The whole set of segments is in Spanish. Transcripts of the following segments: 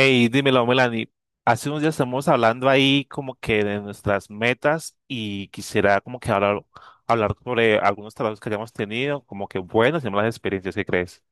Hey, dímelo, Melanie. Hace unos días estamos hablando ahí como que de nuestras metas y quisiera como que hablar sobre algunos trabajos que hayamos tenido, como que buenas y malas experiencias, ¿qué crees?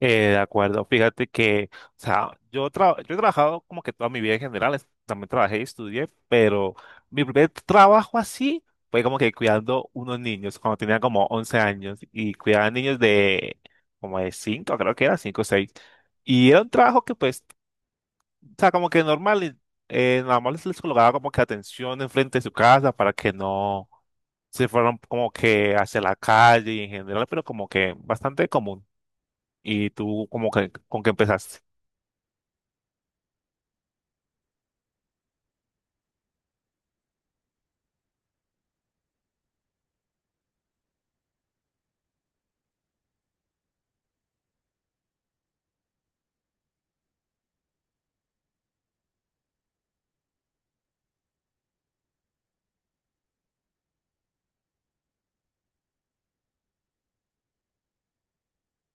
De acuerdo, fíjate que, o sea, yo he trabajado como que toda mi vida en general, también trabajé y estudié, pero mi primer trabajo así fue como que cuidando unos niños cuando tenía como 11 años y cuidaba niños de como de cinco, creo que era 5 o seis. Y era un trabajo que pues, o sea, como que normal, y nada más les colocaba como que atención enfrente de su casa para que no se fueran como que hacia la calle y en general, pero como que bastante común. ¿Y tú como que con qué empezaste?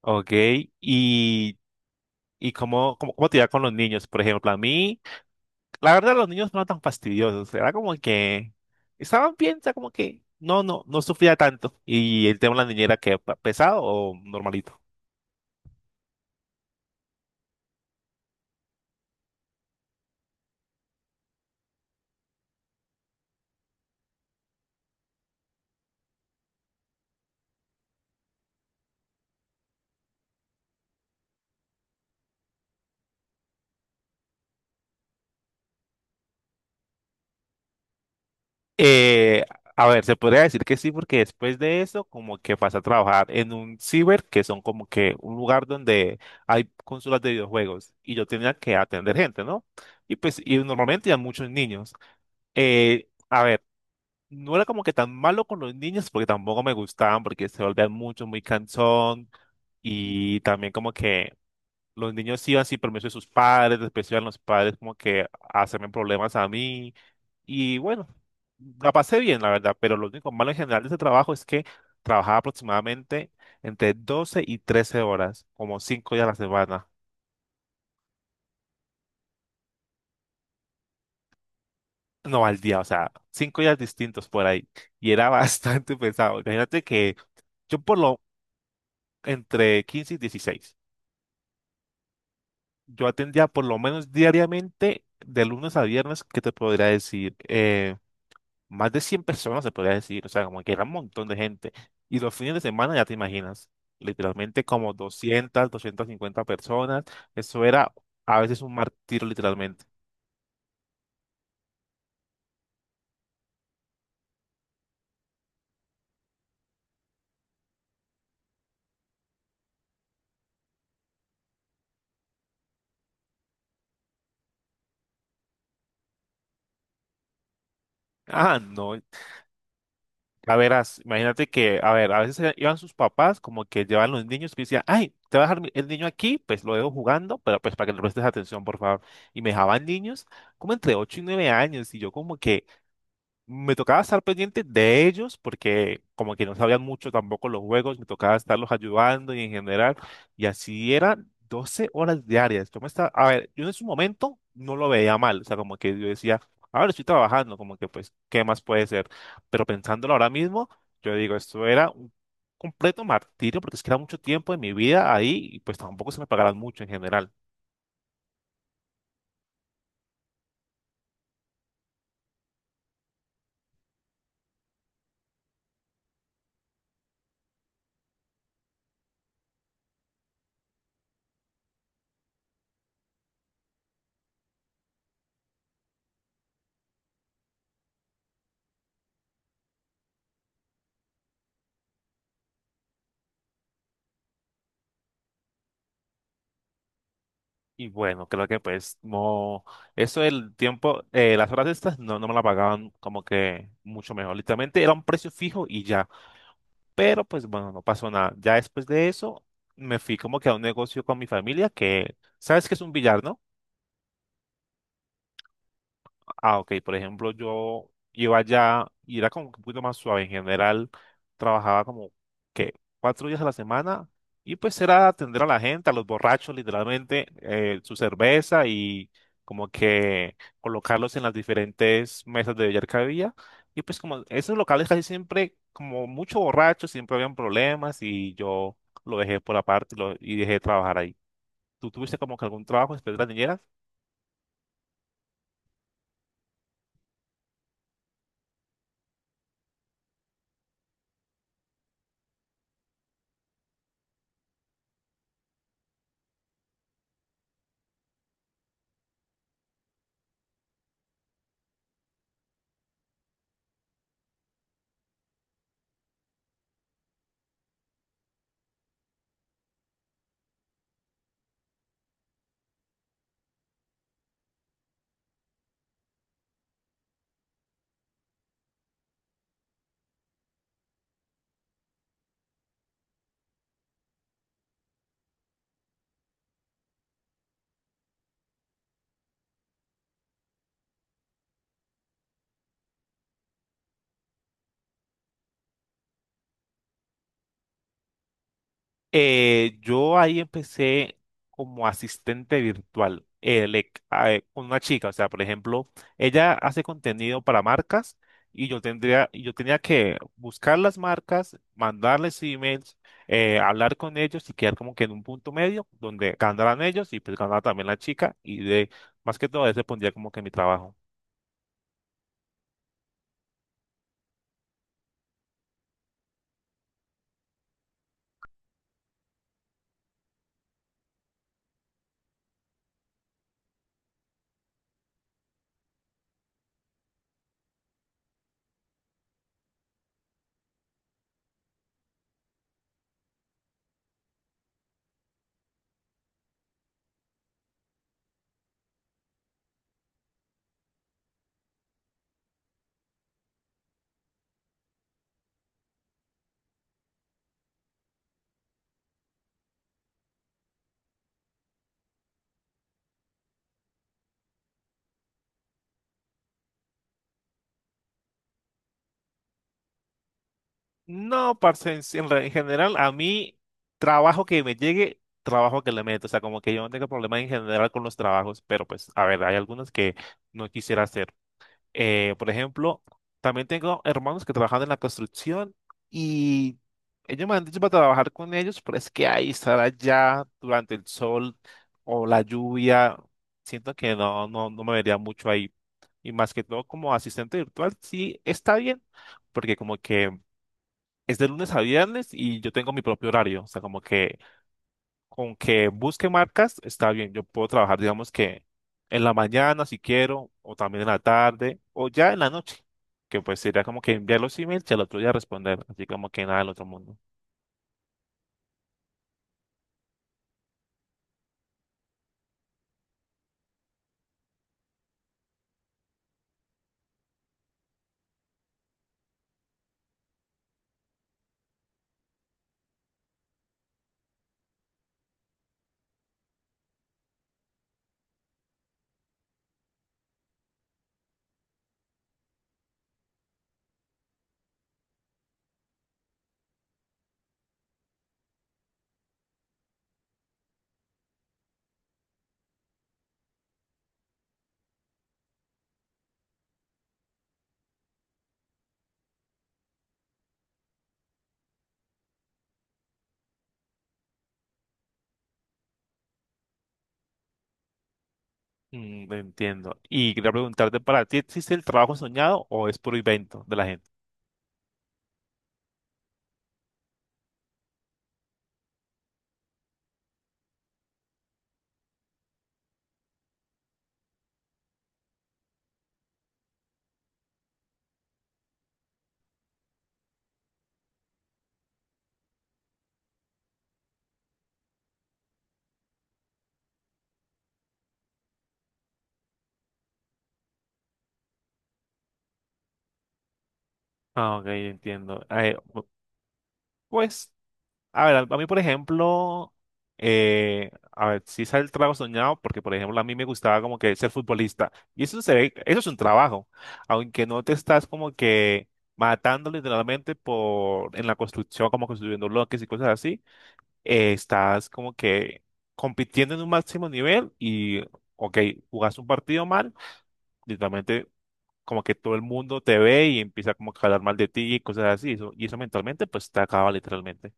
Ok, y, y cómo te iba con los niños, por ejemplo. A mí, la verdad, los niños no eran tan fastidiosos, era como que estaban bien, o sea, como que no, no, no sufría tanto. Y el tema de la niñera, que pesado o normalito? Eh, a ver, se podría decir que sí, porque después de eso, como que pasé a trabajar en un ciber, que son como que un lugar donde hay consolas de videojuegos, y yo tenía que atender gente, ¿no? Y pues, y normalmente hay muchos niños. A ver, no era como que tan malo con los niños porque tampoco me gustaban porque se volvían mucho, muy cansón, y también como que los niños iban sin permiso de sus padres, después iban los padres como que a hacerme problemas a mí, y bueno, la pasé bien la verdad, pero lo único malo en general de ese trabajo es que trabajaba aproximadamente entre 12 y 13 horas, como 5 días a la semana. No, al día, o sea, 5 días distintos por ahí. Y era bastante pesado. Imagínate que yo por lo. Entre 15 y 16. Yo atendía por lo menos diariamente, de lunes a viernes, que te podría decir? Más de 100 personas, se podría decir. O sea, como que era un montón de gente. Y los fines de semana, ya te imaginas, literalmente como 200, cincuenta personas. Eso era a veces un martirio, literalmente. Ah, no. A verás, imagínate que, a ver, a veces iban sus papás, como que llevan los niños, que decían, ay, te voy a dejar el niño aquí, pues lo dejo jugando, pero pues para que le prestes atención, por favor. Y me dejaban niños como entre 8 y 9 años, y yo como que me tocaba estar pendiente de ellos porque como que no sabían mucho tampoco los juegos, me tocaba estarlos ayudando y en general, y así eran 12 horas diarias. Yo me estaba, a ver, yo en su momento no lo veía mal, o sea, como que yo decía, a ver, estoy trabajando, como que pues, ¿qué más puede ser? Pero pensándolo ahora mismo, yo digo, esto era un completo martirio porque es que era mucho tiempo de mi vida ahí y pues tampoco se me pagaban mucho en general. Y bueno, creo que pues no, eso del tiempo, las horas estas no, no me la pagaban como que mucho mejor. Literalmente era un precio fijo y ya. Pero pues bueno, no pasó nada. Ya después de eso me fui como que a un negocio con mi familia que, ¿sabes qué es un billar, no? Ah, ok. Por ejemplo, yo iba allá y era como que un poquito más suave. En general, trabajaba como que 4 días a la semana y pues era atender a la gente, a los borrachos, literalmente, su cerveza y como que colocarlos en las diferentes mesas de billar que había. Y pues como esos locales casi siempre, como mucho borrachos, siempre habían problemas, y yo lo dejé por aparte y, y dejé de trabajar ahí. ¿Tú tuviste como que algún trabajo después de las niñeras? Yo ahí empecé como asistente virtual, con una chica, o sea, por ejemplo, ella hace contenido para marcas y yo tendría, y yo tenía que buscar las marcas, mandarles emails, hablar con ellos y quedar como que en un punto medio donde ganaran ellos y pues ganara también la chica, y de más que todo eso pondría como que mi trabajo. No, parce, en general, a mí, trabajo que me llegue, trabajo que le meto. O sea, como que yo no tengo problema en general con los trabajos, pero pues, a ver, hay algunos que no quisiera hacer. Por ejemplo, también tengo hermanos que trabajan en la construcción y ellos me han dicho para trabajar con ellos, pero es que ahí estar allá durante el sol o la lluvia, siento que no, no, no me vería mucho ahí. Y más que todo como asistente virtual, sí está bien, porque como que es de lunes a viernes y yo tengo mi propio horario. O sea, como que con que busque marcas está bien. Yo puedo trabajar, digamos que en la mañana si quiero, o también en la tarde, o ya en la noche. Que pues sería como que enviar los emails y al otro día responder. Así como que nada del otro mundo. Mm, lo entiendo. Y quería preguntarte, ¿para ti existe el trabajo soñado o es puro invento de la gente? Ah, ok, entiendo. Pues, a ver, a mí, por ejemplo, a ver, sí sale el trabajo soñado, porque, por ejemplo, a mí me gustaba como que ser futbolista. Y eso se ve, eso es un trabajo, aunque no te estás como que matando literalmente por, en la construcción, como construyendo bloques y cosas así, estás como que compitiendo en un máximo nivel y, ok, jugas un partido mal, literalmente como que todo el mundo te ve y empieza como que a hablar mal de ti y cosas así, eso, y eso mentalmente pues te acaba literalmente.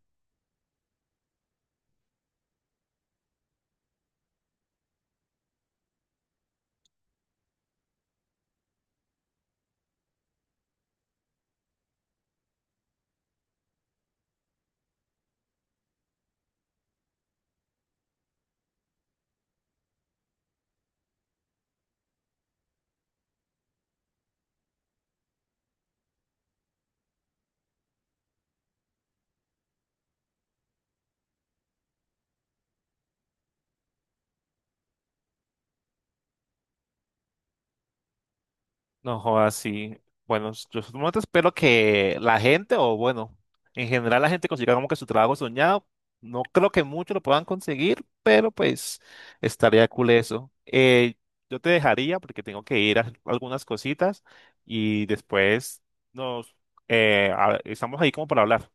No jodas, sí. Bueno, yo solamente espero que la gente, o bueno, en general la gente consiga como que su trabajo soñado. No creo que muchos lo puedan conseguir, pero pues estaría cool eso. Yo te dejaría porque tengo que ir a hacer algunas cositas y después nos estamos ahí como para hablar.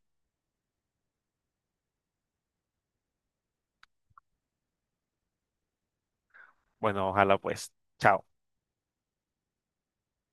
Bueno, ojalá pues. Chao.